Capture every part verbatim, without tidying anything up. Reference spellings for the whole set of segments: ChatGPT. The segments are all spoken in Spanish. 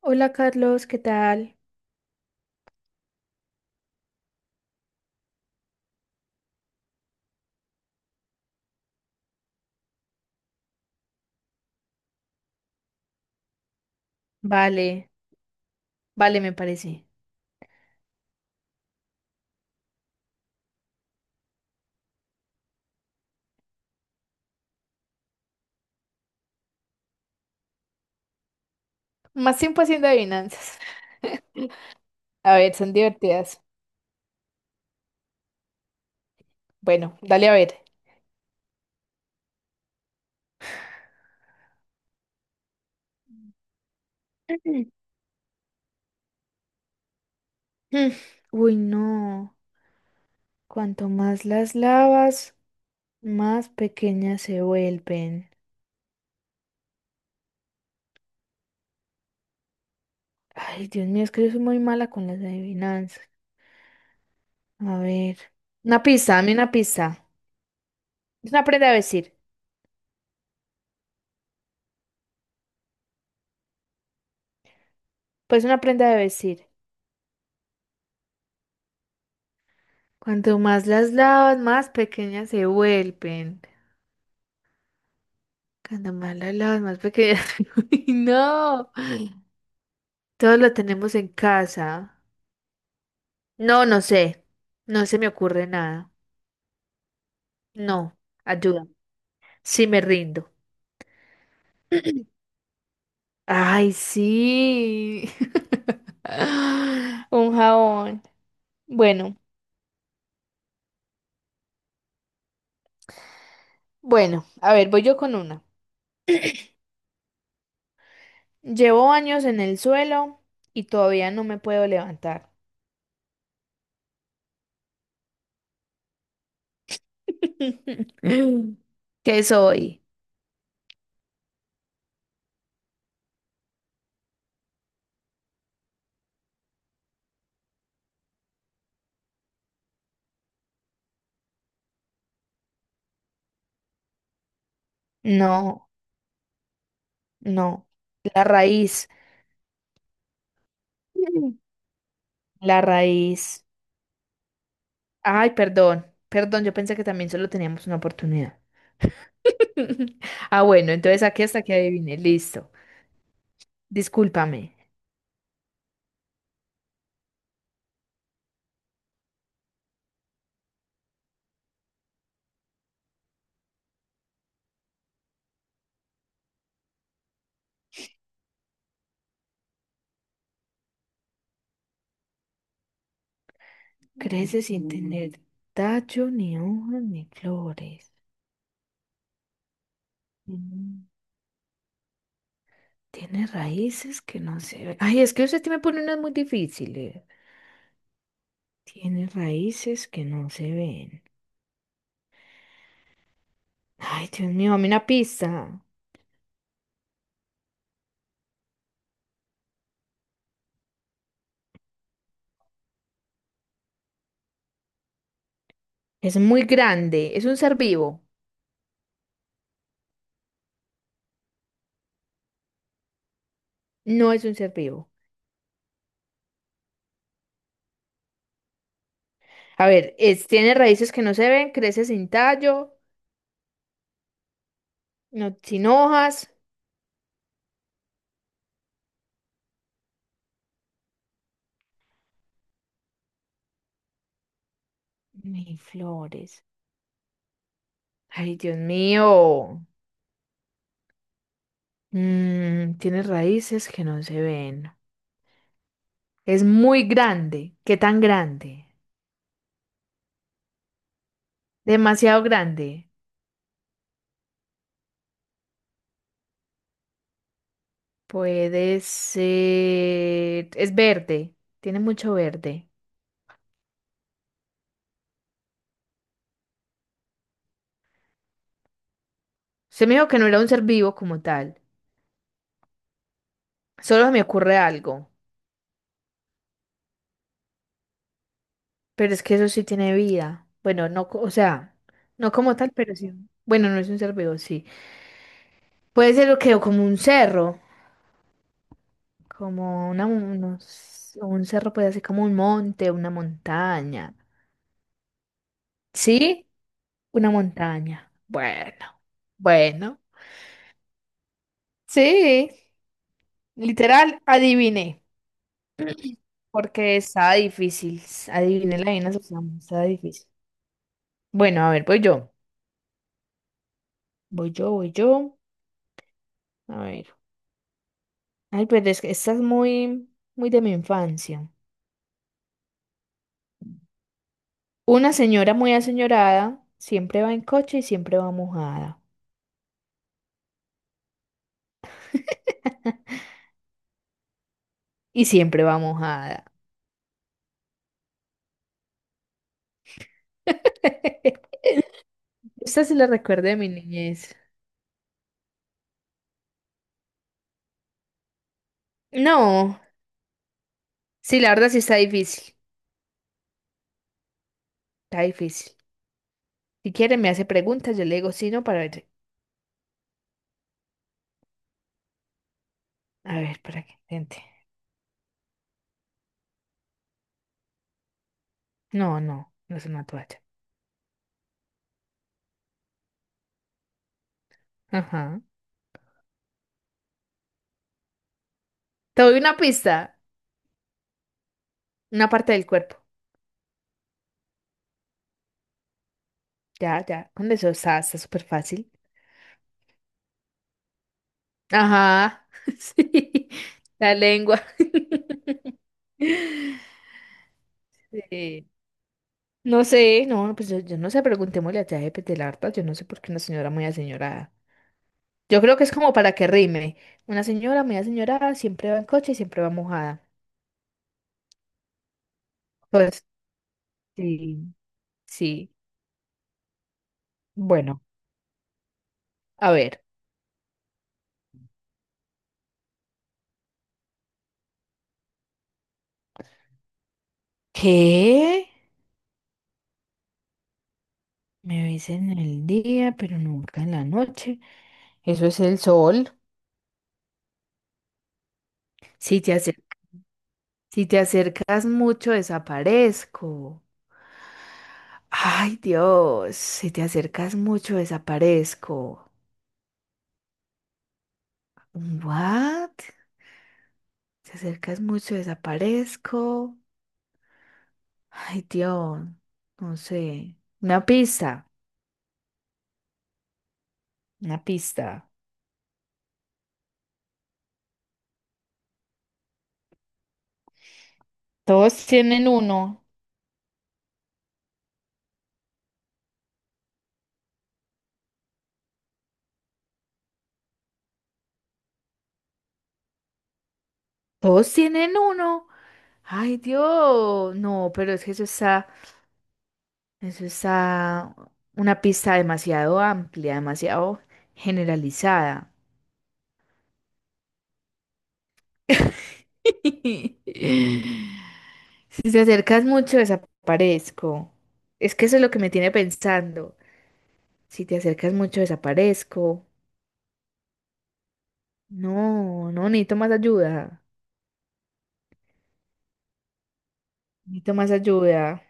Hola Carlos, ¿qué tal? Vale, vale, me parece. Más tiempo haciendo adivinanzas. A ver, son divertidas. Bueno, dale a ver. Mm. Mm. Uy, no. Cuanto más las lavas, más pequeñas se vuelven. Ay, Dios mío, es que yo soy muy mala con las adivinanzas. A ver. Una pista, dame una pista. Es una prenda de vestir. Pues una prenda de vestir. Cuanto más las lavas, más pequeñas se vuelven. Cuando más las lavas, más pequeñas. Uy, no. Todo lo tenemos en casa. No, no sé. No se me ocurre nada. No. Ayuda. Sí me rindo. Ay, sí. Un jabón. Bueno, bueno, a ver, voy yo con una. Llevo años en el suelo y todavía no me puedo levantar. ¿Qué soy? No, no. La raíz. La raíz. Ay, perdón, perdón, yo pensé que también solo teníamos una oportunidad. Ah, bueno, entonces aquí hasta que adivine, listo. Discúlpame. Crece sin tener tallo, ni hojas, ni flores. Mm, tiene raíces que no se ven. Ay, es que usted sí me pone unas muy difíciles. Tiene raíces que no se ven. Ay, Dios mío, dame una pista. Es muy grande. Es un ser vivo. No es un ser vivo. A ver, es, tiene raíces que no se ven, crece sin tallo, no, sin hojas, ni flores. Ay, Dios mío. Mm, tiene raíces que no se ven. Es muy grande. ¿Qué tan grande? Demasiado grande. Puede ser... es verde. Tiene mucho verde. Se me dijo que no era un ser vivo como tal. Solo me ocurre algo. Pero es que eso sí tiene vida. Bueno, no, co- o sea, no como tal, pero sí. Bueno, no es un ser vivo, sí. Puede ser lo que o como un cerro, como una, mon- unos- un cerro puede ser como un monte, una montaña. ¿Sí? Una montaña. Bueno, bueno. Sí, literal, adiviné, porque está difícil. Adiviné la vaina, o sea, está difícil. Bueno, a ver, voy yo. Voy yo, voy yo. A ver. Ay, pero es que esta es muy, muy de mi infancia. Una señora muy aseñorada siempre va en coche y siempre va mojada. Y siempre va mojada. Esta sí la recuerdo de mi niñez. No, sí, la verdad sí está difícil. Está difícil. Si quiere me hace preguntas, yo le digo sí, no, para ver. A ver, para que intente. No, no, no es una toalla. Ajá. Te doy una pista, una parte del cuerpo. Ya, ya, con eso está, está súper fácil. Ajá, sí, la lengua. Sí. No sé, no, pues yo, yo no sé, preguntémosle a ChatGPT, la verdad, yo no sé por qué una señora muy aseñorada. Yo creo que es como para que rime. Una señora muy aseñorada siempre va en coche y siempre va mojada. Pues sí, sí. Bueno, a ver. ¿Qué? Me ves en el día, pero nunca en la noche. Eso es el sol. Si te acercas Si te acercas mucho, desaparezco. Ay, Dios, si te acercas mucho, desaparezco. ¿What? Te acercas mucho, desaparezco. Ay, Dios, no sé. Una pista, una pista. Todos tienen uno. Todos tienen uno. Ay, Dios. No, pero es que eso está, eso está una pista demasiado amplia, demasiado generalizada. Si te acercas mucho, desaparezco. Es que eso es lo que me tiene pensando. Si te acercas mucho, desaparezco. No, no, necesito más ayuda. Necesito más ayuda.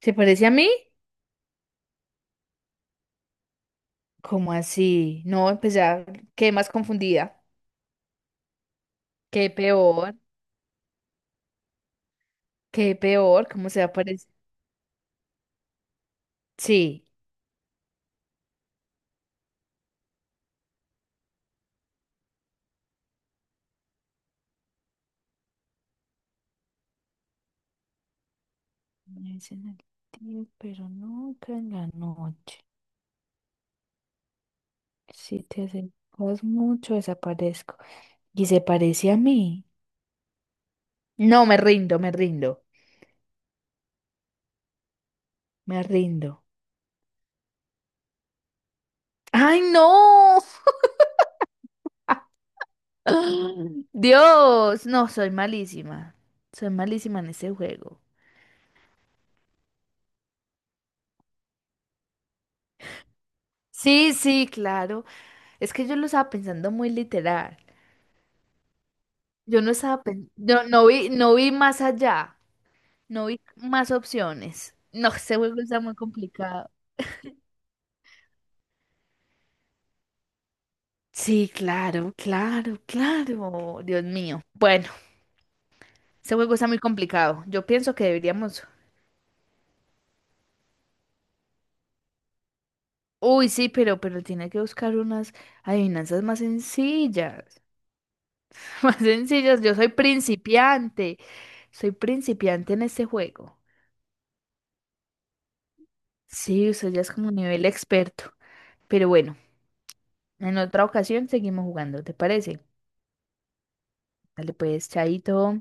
¿Se parece a mí? ¿Cómo así? No, pues ya quedé más confundida. Qué peor, qué peor, ¿cómo se aparece? Sí. Permanece en el día, pero nunca en la noche. Si te acercas mucho, desaparezco. ¿Y se parece a mí? No, me rindo, me rindo, me rindo. ¡Ay, no! Dios, no, soy malísima. Soy malísima en ese juego. Sí, sí, claro. Es que yo lo estaba pensando muy literal. Yo no estaba pen, yo no vi, no vi más allá, no vi más opciones. No, ese juego está muy complicado. Sí, claro, claro, claro. Dios mío. Bueno, ese juego está muy complicado. Yo pienso que deberíamos. Uy, sí, pero, pero tiene que buscar unas adivinanzas más sencillas. Más sencillas. Yo soy principiante. Soy principiante en este juego. Sí, usted ya es como nivel experto. Pero bueno, en otra ocasión seguimos jugando, ¿te parece? Dale pues, chaito.